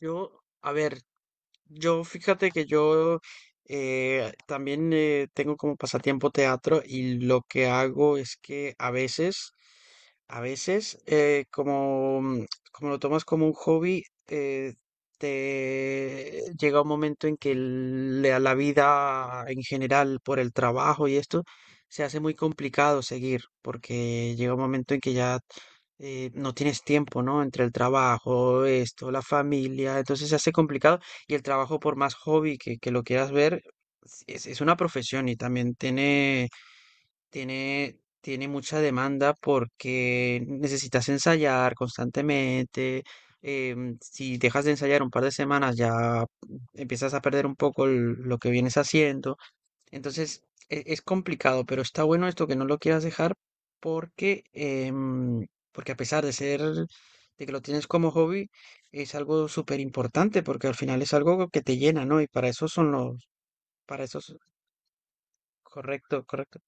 Yo, a ver, yo, fíjate que yo también tengo como pasatiempo teatro y lo que hago es que a veces, como lo tomas como un hobby, te llega un momento en que la vida en general por el trabajo y esto se hace muy complicado seguir, porque llega un momento en que ya no tienes tiempo, ¿no? Entre el trabajo, esto, la familia, entonces se hace complicado. Y el trabajo, por más hobby que lo quieras ver, es una profesión y también tiene, tiene mucha demanda porque necesitas ensayar constantemente. Si dejas de ensayar un par de semanas, ya empiezas a perder un poco lo que vienes haciendo. Entonces, es complicado, pero está bueno esto que no lo quieras dejar porque, porque a pesar de ser, de que lo tienes como hobby, es algo súper importante porque al final es algo que te llena, ¿no? Y para eso son los, para eso es correcto, correcto.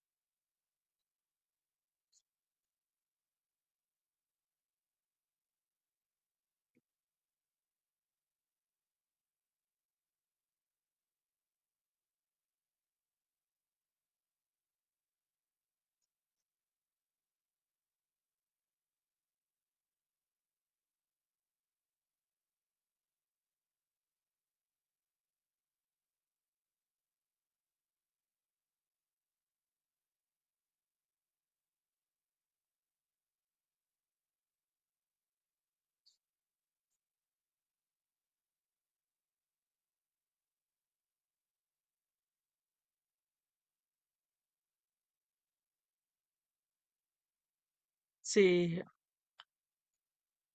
Sí,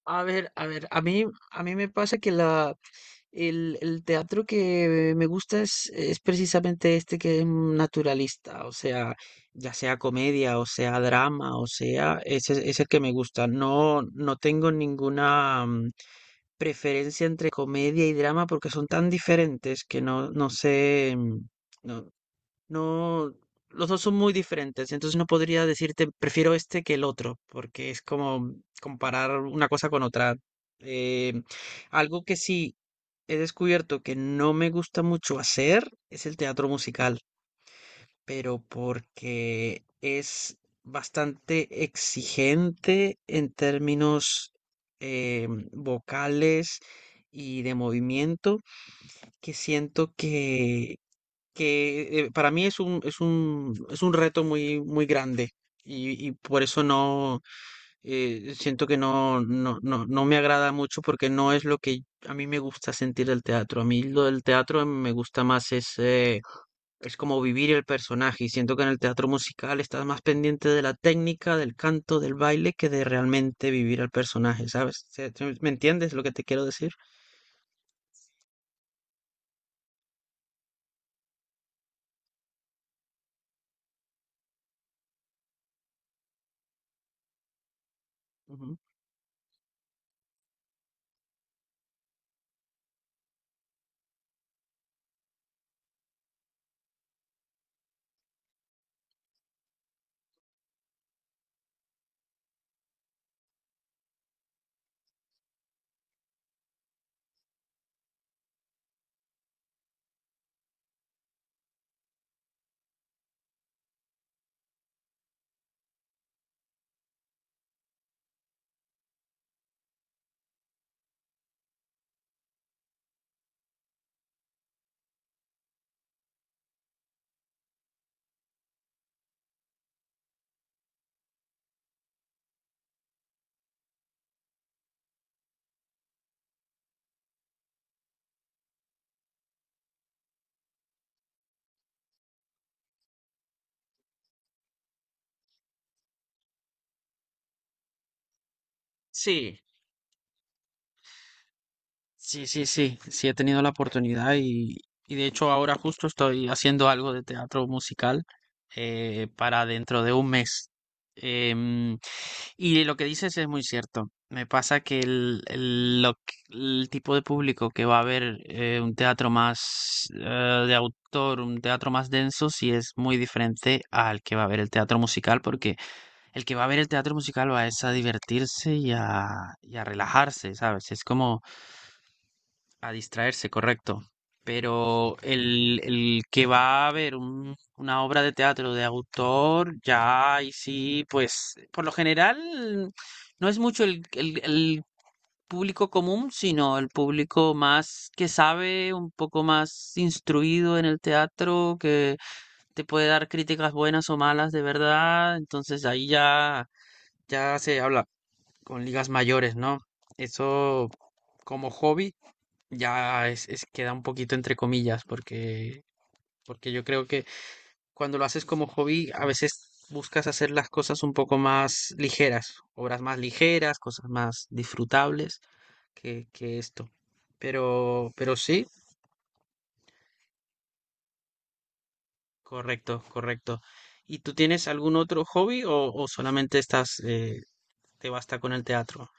a ver, a mí me pasa el teatro que me gusta es precisamente este que es naturalista, o sea, ya sea comedia, o sea drama, o sea, ese es el que me gusta. No, no tengo ninguna preferencia entre comedia y drama porque son tan diferentes que no, no sé, mm, no, no, los dos son muy diferentes, entonces no podría decirte prefiero este que el otro, porque es como comparar una cosa con otra. Eh, Algo que sí he descubierto que no me gusta mucho hacer es el teatro musical, pero porque es bastante exigente en términos eh, vocales y de movimiento, que siento que para mí es un reto muy, muy grande y por eso no siento que no me agrada mucho porque no es lo que a mí me gusta sentir del teatro. A mí lo del teatro me gusta más es como vivir el personaje y siento que en el teatro musical estás más pendiente de la técnica, del canto, del baile que de realmente vivir al personaje, ¿sabes? ¿Me entiendes lo que te quiero decir? Ujú. Sí. Sí, he tenido la oportunidad y de hecho ahora justo estoy haciendo algo de teatro musical para dentro de un mes. Em, y lo que dices es muy cierto. Me pasa que el tipo de público que va a ver un teatro más de autor, un teatro más denso, sí es muy diferente al que va a ver el teatro musical, porque el que va a ver el teatro musical va es a divertirse y a relajarse, ¿sabes? Es como a distraerse, correcto. Pero el que va a ver una obra de teatro de autor, ya y sí, pues por lo general no es mucho el público común, sino el público más que sabe, un poco más instruido en el teatro, que te puede dar críticas buenas o malas de verdad. Entonces ahí ya, ya se habla con ligas mayores, ¿no? Eso como hobby. Ya queda un poquito entre comillas, porque, porque yo creo que cuando lo haces como hobby, a veces buscas hacer las cosas un poco más ligeras, obras más ligeras, cosas más disfrutables que esto. Pero sí, correcto, correcto. ¿Y tú tienes algún otro hobby o solamente estás, te basta con el teatro?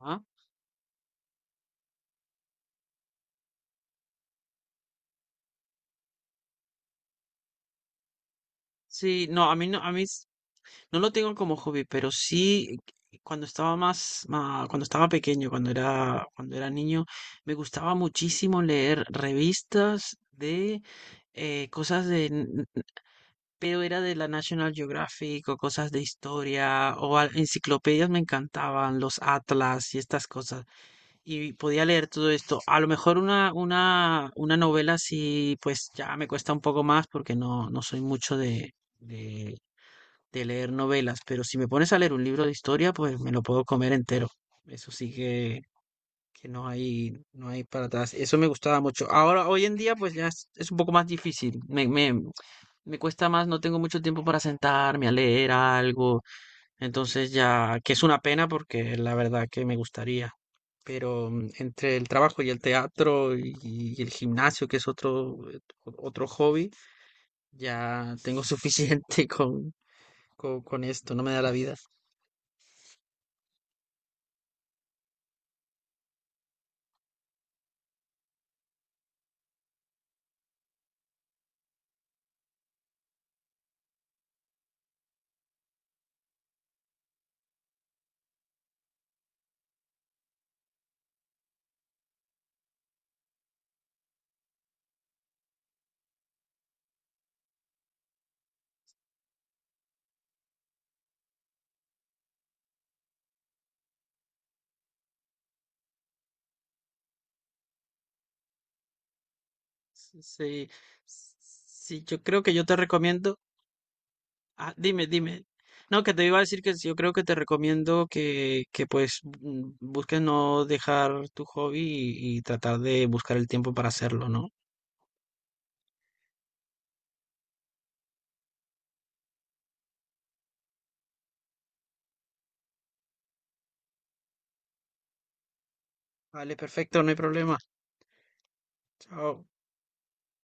Ah, sí, no, a mí no lo tengo como hobby, pero sí cuando estaba más, cuando estaba pequeño, cuando era niño, me gustaba muchísimo leer revistas de eh, cosas de, n- pero era de la National Geographic o cosas de historia enciclopedias me encantaban, los atlas y estas cosas. Y podía leer todo esto. A lo mejor una novela sí, pues ya me cuesta un poco más porque no, no soy mucho de leer novelas, pero si me pones a leer un libro de historia, pues me lo puedo comer entero. Eso sí que no hay, no hay para atrás. Eso me gustaba mucho. Ahora, hoy en día, pues ya es un poco más difícil. Me cuesta más, no tengo mucho tiempo para sentarme a leer algo. Entonces ya, que es una pena porque la verdad que me gustaría. Pero entre el trabajo y el teatro y el gimnasio, que es otro, otro hobby, ya tengo suficiente con esto, no me da la vida. Sí, sí, yo creo que yo te recomiendo. Ah, dime, dime. No, que te iba a decir que sí, yo creo que te recomiendo que pues busques no dejar tu hobby y tratar de buscar el tiempo para hacerlo, ¿no? Vale, perfecto, no hay problema. Chao.